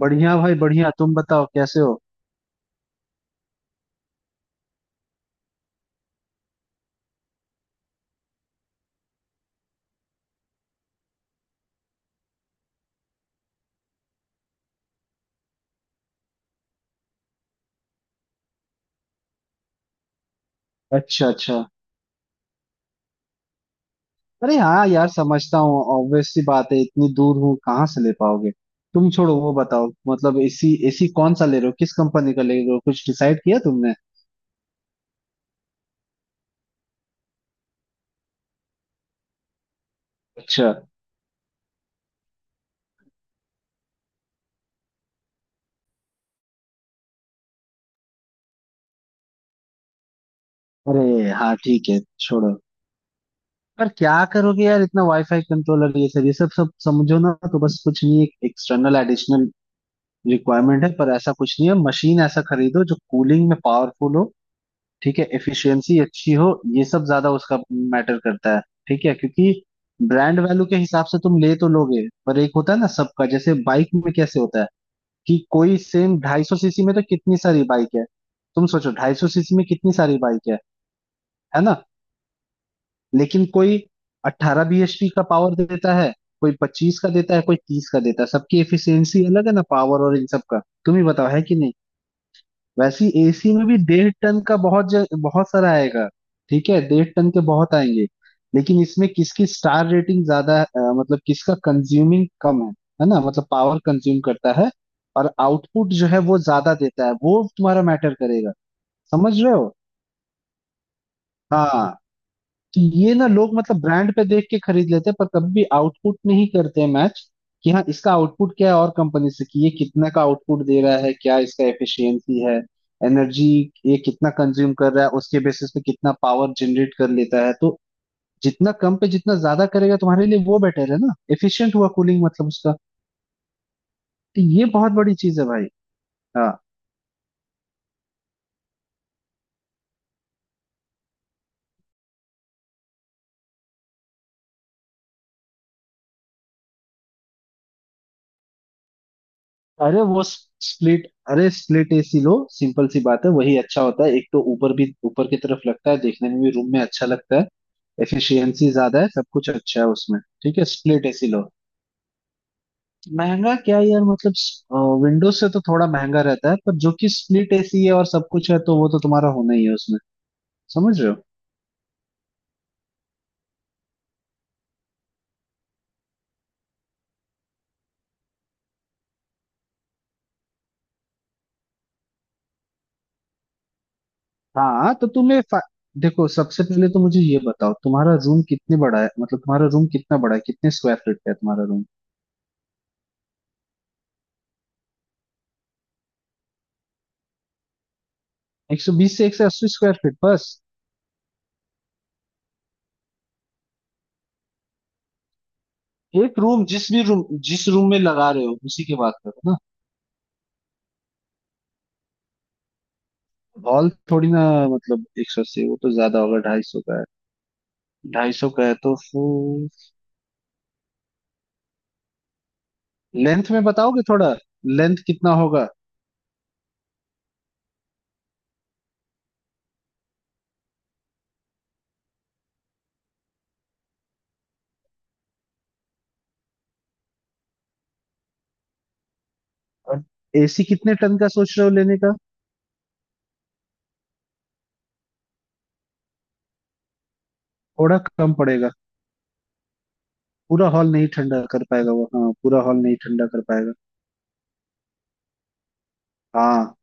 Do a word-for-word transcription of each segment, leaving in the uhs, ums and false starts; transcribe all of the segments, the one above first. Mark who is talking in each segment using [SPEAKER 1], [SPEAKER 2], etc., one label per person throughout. [SPEAKER 1] बढ़िया भाई, बढ़िया। तुम बताओ कैसे हो। अच्छा अच्छा। अरे हाँ यार, समझता हूँ। ऑब्वियस सी बात है, इतनी दूर हूँ कहाँ से ले पाओगे। तुम छोड़ो, वो बताओ, मतलब एसी, एसी कौन सा ले रहे हो, किस कंपनी का ले रहे हो, कुछ डिसाइड किया तुमने। अच्छा। अरे हाँ ठीक है, छोड़ो। पर क्या करोगे यार इतना वाईफाई कंट्रोलर, ये सब ये सब सब समझो ना, तो बस कुछ नहीं, एक एक्सटर्नल एडिशनल रिक्वायरमेंट है, पर ऐसा कुछ नहीं है। मशीन ऐसा खरीदो जो कूलिंग में पावरफुल हो। ठीक है, एफिशिएंसी अच्छी हो, ये सब ज्यादा उसका मैटर करता है। ठीक है, क्योंकि ब्रांड वैल्यू के हिसाब से तुम ले तो लोगे, पर एक होता है ना सबका, जैसे बाइक में कैसे होता है कि कोई सेम ढाई सौ सीसी में तो कितनी सारी बाइक है। तुम सोचो, ढाई सौ सीसी में कितनी सारी बाइक है है ना। लेकिन कोई अट्ठारह bhp का पावर देता है, कोई पच्चीस का देता है, कोई तीस का देता है, सबकी एफिशिएंसी अलग है ना, पावर और इन सब का। तुम ही बताओ, है कि नहीं। वैसे ही एसी में भी डेढ़ टन का बहुत जग, बहुत सारा आएगा। ठीक है, डेढ़ टन के बहुत आएंगे। लेकिन इसमें किसकी स्टार रेटिंग ज्यादा है, अ, मतलब किसका कंज्यूमिंग कम है है ना, मतलब पावर कंज्यूम करता है, और आउटपुट जो है वो ज्यादा देता है, वो तुम्हारा मैटर करेगा। समझ रहे हो। हाँ कि ये ना लोग मतलब ब्रांड पे देख के खरीद लेते हैं, पर कभी आउटपुट नहीं करते मैच, कि हाँ इसका आउटपुट क्या है, और कंपनी से कि ये कितना का आउटपुट दे रहा है, क्या इसका एफिशिएंसी है, एनर्जी ये कितना कंज्यूम कर रहा है, उसके बेसिस पे कितना पावर जनरेट कर लेता है। तो जितना कम पे जितना ज्यादा करेगा तुम्हारे लिए वो बेटर है ना, एफिशिएंट हुआ कूलिंग मतलब उसका। तो ये बहुत बड़ी चीज है भाई। हाँ, अरे वो स्प्लिट, अरे स्प्लिट एसी लो, सिंपल सी बात है, वही अच्छा होता है। एक तो ऊपर भी, ऊपर की तरफ लगता है, देखने में भी रूम में अच्छा लगता है, एफिशिएंसी ज्यादा है, सब कुछ अच्छा है उसमें। ठीक है, स्प्लिट एसी लो। महंगा क्या यार, मतलब विंडोज से तो थोड़ा महंगा रहता है, पर जो कि स्प्लिट एसी है और सब कुछ है तो वो तो तुम्हारा होना ही है उसमें। समझ रहे हो। हाँ, तो तुम्हें फा... देखो, सबसे पहले तो मुझे ये बताओ, तुम्हारा रूम कितने बड़ा है, मतलब तुम्हारा रूम कितना बड़ा है, कितने स्क्वायर फीट का है तुम्हारा रूम। एक सौ बीस से एक सौ अस्सी स्क्वायर फीट बस। एक रूम, जिस भी रूम, जिस रूम में लगा रहे हो उसी की बात करो ना। हॉल थोड़ी ना, मतलब एक सौ अस्सी वो तो ज्यादा होगा, दो सौ पचास का। ढाई सौ का है तो फिर लेंथ में बताओगे थोड़ा, लेंथ कितना होगा। और एसी कितने टन का सोच रहे हो लेने का। थोड़ा कम पड़ेगा, पूरा हॉल नहीं ठंडा कर पाएगा वो, हाँ पूरा हॉल नहीं ठंडा कर पाएगा। हाँ,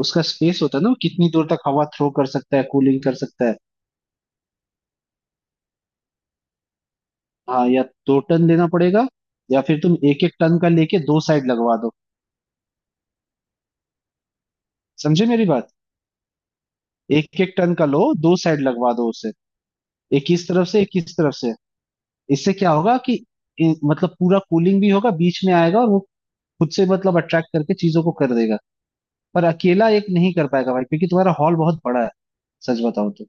[SPEAKER 1] उसका स्पेस होता है ना, वो कितनी दूर तक हवा थ्रो कर सकता है, कूलिंग कर सकता है। हाँ या दो टन लेना पड़ेगा, या फिर तुम एक एक टन का लेके दो साइड लगवा दो। समझे मेरी बात, एक एक टन का लो, दो साइड लगवा दो उसे, एक इस तरफ से एक इस तरफ से। इससे क्या होगा कि, इ- मतलब पूरा कूलिंग भी होगा, बीच में आएगा, और वो खुद से मतलब अट्रैक्ट करके चीजों को कर देगा। पर अकेला एक नहीं कर पाएगा भाई, क्योंकि तुम्हारा हॉल बहुत बड़ा है, सच बताओ तो।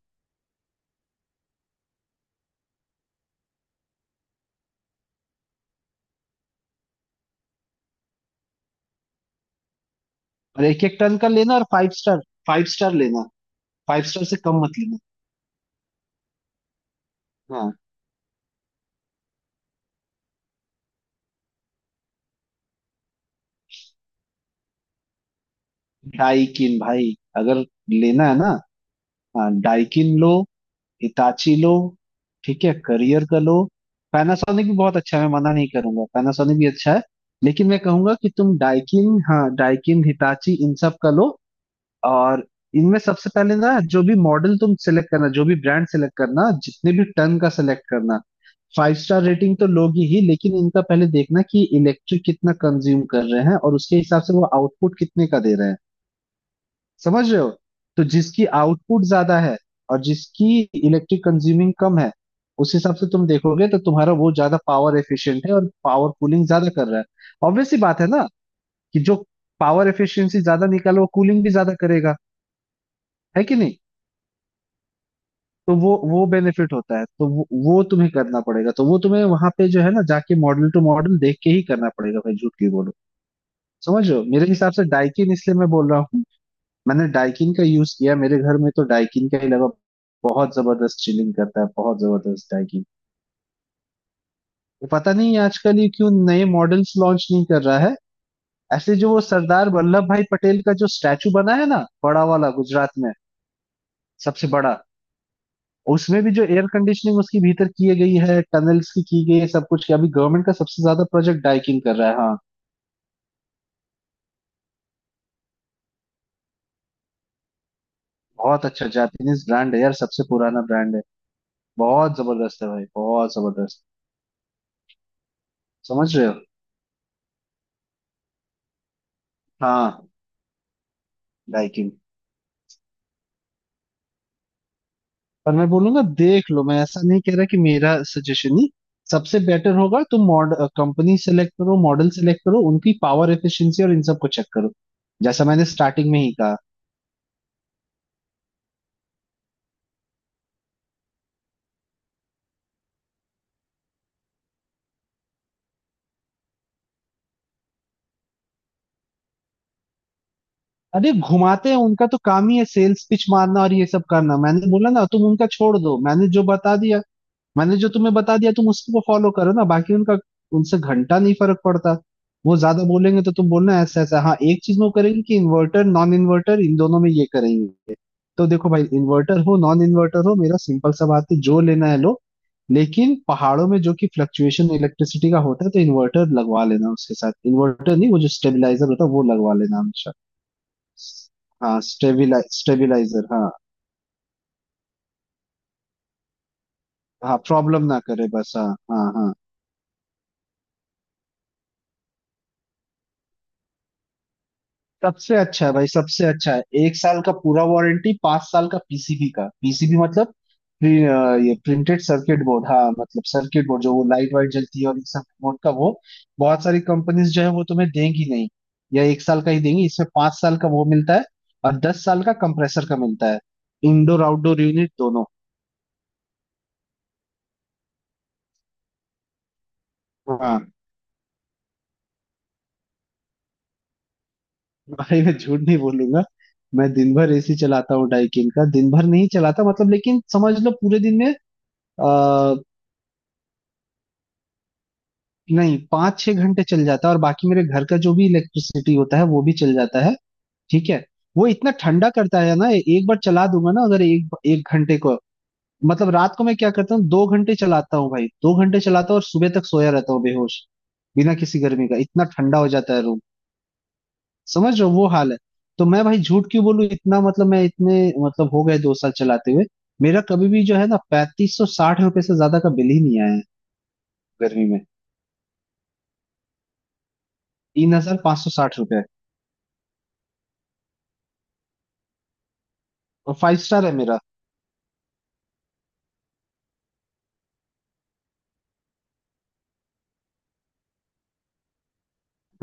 [SPEAKER 1] और एक एक टन का लेना, और फाइव स्टार, फाइव स्टार लेना, फाइव स्टार से कम मत लेना। हाँ डाइकिन भाई, अगर लेना है ना। हाँ, डाइकिन लो, हिताची लो, ठीक है करियर का लो। पैनासोनिक भी बहुत अच्छा है, मैं मना नहीं करूंगा, पैनासोनिक भी अच्छा है। लेकिन मैं कहूंगा कि तुम डाइकिन, हाँ डाइकिन, हिताची इन सब का लो। और इनमें सबसे पहले ना, जो भी मॉडल तुम सेलेक्ट करना, जो भी ब्रांड सेलेक्ट करना, जितने भी टन का सेलेक्ट करना, फाइव स्टार रेटिंग तो लोगे ही, लेकिन इनका पहले देखना कि इलेक्ट्रिक कितना कंज्यूम कर रहे हैं, और उसके हिसाब से वो आउटपुट कितने का दे रहे हैं। समझ रहे हो। तो जिसकी आउटपुट ज्यादा है, और जिसकी इलेक्ट्रिक कंज्यूमिंग कम है, उस हिसाब से तुम देखोगे तो तुम्हारा वो ज्यादा पावर एफिशिएंट है, और पावर कूलिंग ज्यादा कर रहा है। ऑब्वियस सी बात है ना, कि जो पावर एफिशिएंसी ज्यादा निकाले वो कूलिंग भी ज्यादा करेगा, है कि नहीं। तो वो वो बेनिफिट होता है, तो वो, वो तुम्हें करना पड़ेगा, तो वो तुम्हें वहां पे जो है ना, जाके मॉडल टू मॉडल देख के ही करना पड़ेगा भाई, झूठ की बोलो। समझ रहे हो। मेरे हिसाब से डाइकिन इसलिए मैं बोल रहा हूँ, मैंने डाइकिन का यूज किया, मेरे घर में तो डाइकिन का ही लगा। बहुत जबरदस्त चिलिंग करता है, बहुत जबरदस्त डाइकिन। तो पता नहीं आजकल ये क्यों नए मॉडल्स लॉन्च नहीं कर रहा है। ऐसे जो वो सरदार वल्लभ भाई पटेल का जो स्टैचू बना है ना, बड़ा वाला गुजरात में, सबसे बड़ा, उसमें भी जो एयर कंडीशनिंग उसकी भीतर की गई है, टनल्स की की गई है, सब कुछ किया, अभी गवर्नमेंट का सबसे ज्यादा प्रोजेक्ट डाइकिन कर रहा है, हाँ। बहुत अच्छा जापानीज ब्रांड है यार, सबसे पुराना ब्रांड है। बहुत जबरदस्त है भाई, बहुत जबरदस्त। समझ रहे हो। हाँ डाइकिन। पर मैं बोलूंगा देख लो, मैं ऐसा नहीं कह रहा कि मेरा सजेशन ही सबसे बेटर होगा। तुम मॉडल कंपनी सेलेक्ट करो, मॉडल सेलेक्ट करो, उनकी पावर एफिशिएंसी और इन सब को चेक करो, जैसा मैंने स्टार्टिंग में ही कहा। अरे घुमाते हैं, उनका तो काम ही है सेल्स पिच मारना और ये सब करना। मैंने बोला ना, तुम उनका छोड़ दो, मैंने जो बता दिया, मैंने जो तुम्हें बता दिया तुम उसको फॉलो करो ना, बाकी उनका, उनसे घंटा नहीं फर्क पड़ता। वो ज्यादा बोलेंगे तो तुम बोलना ऐसा ऐसा, हाँ एक चीज वो करेंगे कि इन्वर्टर नॉन इन्वर्टर इन दोनों में ये करेंगे। तो देखो भाई, इन्वर्टर हो नॉन इन्वर्टर हो, मेरा सिंपल सा बात है, जो लेना है लो। लेकिन पहाड़ों में जो कि फ्लक्चुएशन इलेक्ट्रिसिटी का होता है, तो इन्वर्टर लगवा लेना, उसके साथ इन्वर्टर नहीं, वो जो स्टेबलाइजर होता है वो लगवा लेना हमेशा। हाँ स्टेबिलाइज स्टेबिलाइजर, हाँ। हाँ प्रॉब्लम ना करे बस, हाँ हाँ। हाँ सबसे अच्छा है भाई, सबसे अच्छा है, एक साल का पूरा वारंटी, पांच साल का पीसीबी का, पीसीबी मतलब प्रि- अ, ये प्रिंटेड सर्किट बोर्ड, हाँ मतलब सर्किट बोर्ड जो वो लाइट वाइट जलती है और इन सब बोर्ड का वो। बहुत सारी कंपनीज जो है वो तुम्हें देंगी नहीं, या एक साल का ही देंगी, इसमें पांच साल का वो मिलता है, और दस साल का कंप्रेसर का मिलता है, इंडोर आउटडोर यूनिट दोनों। हाँ भाई, मैं झूठ नहीं बोलूंगा, मैं दिन भर एसी चलाता हूँ डाइकिन का, दिन भर नहीं चलाता मतलब, लेकिन समझ लो पूरे दिन में, आ, नहीं पाँच छह घंटे चल जाता है, और बाकी मेरे घर का जो भी इलेक्ट्रिसिटी होता है वो भी चल जाता है। ठीक है। वो इतना ठंडा करता है ना, ए- एक बार चला दूंगा ना अगर एक एक घंटे को, मतलब रात को मैं क्या करता हूँ दो घंटे चलाता हूँ भाई, दो घंटे चलाता हूँ और सुबह तक सोया रहता हूँ बेहोश, बिना किसी गर्मी का इतना ठंडा हो जाता है। समझ रहे हो वो हाल है। तो मैं भाई झूठ क्यों बोलूं, इतना मतलब मैं इतने मतलब हो गए दो साल चलाते हुए, मेरा कभी भी जो है ना पैंतीस सौ साठ रुपए से ज्यादा का बिल ही नहीं आया है गर्मी में। तीन हजार पाँच सौ साठ रुपए। और फाइव स्टार है मेरा।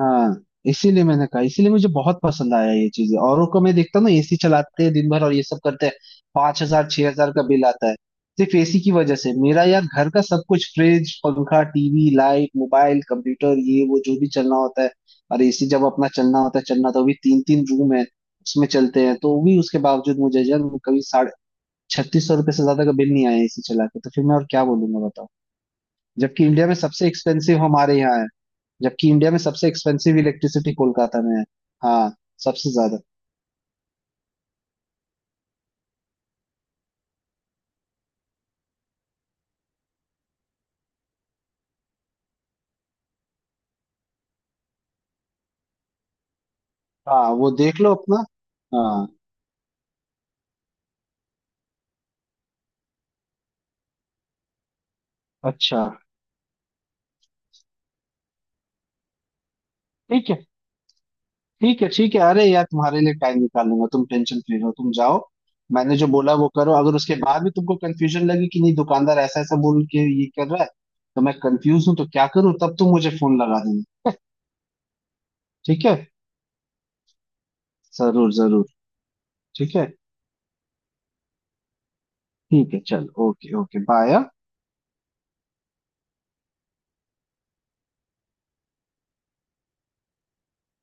[SPEAKER 1] हाँ इसीलिए मैंने कहा, इसीलिए मुझे बहुत पसंद आया ये चीजें। औरों को मैं देखता हूँ ना, एसी चलाते हैं दिन भर और ये सब करते हैं, पांच हजार छह हजार का बिल आता है। सिर्फ एसी की वजह से, मेरा यार घर का सब कुछ, फ्रिज पंखा टीवी लाइट मोबाइल कंप्यूटर ये वो जो भी चलना होता है, और एसी जब अपना चलना होता है, चलना तो भी तीन तीन रूम है उसमें चलते हैं, तो भी उसके बावजूद मुझे यार कभी साढ़े छत्तीस सौ रुपये से ज्यादा का बिल नहीं आया एसी चला के। तो फिर मैं और क्या बोलूंगा बताओ। जबकि इंडिया में सबसे एक्सपेंसिव हमारे यहाँ है, जबकि इंडिया में सबसे एक्सपेंसिव इलेक्ट्रिसिटी कोलकाता में है। हाँ सबसे ज्यादा। हाँ वो देख लो अपना। हाँ अच्छा। ठीक है, ठीक है ठीक है, अरे यार तुम्हारे लिए टाइम निकाल लूंगा, तुम टेंशन फ्री रहो, तुम जाओ। मैंने जो बोला वो करो, अगर उसके बाद भी तुमको कंफ्यूजन लगे कि नहीं दुकानदार ऐसा ऐसा बोल के ये कर रहा है, तो मैं कंफ्यूज हूँ तो क्या करूँ, तब तुम मुझे फोन लगा देना। ठीक है, जरूर जरूर। ठीक है ठीक है चल, ओके ओके बाय।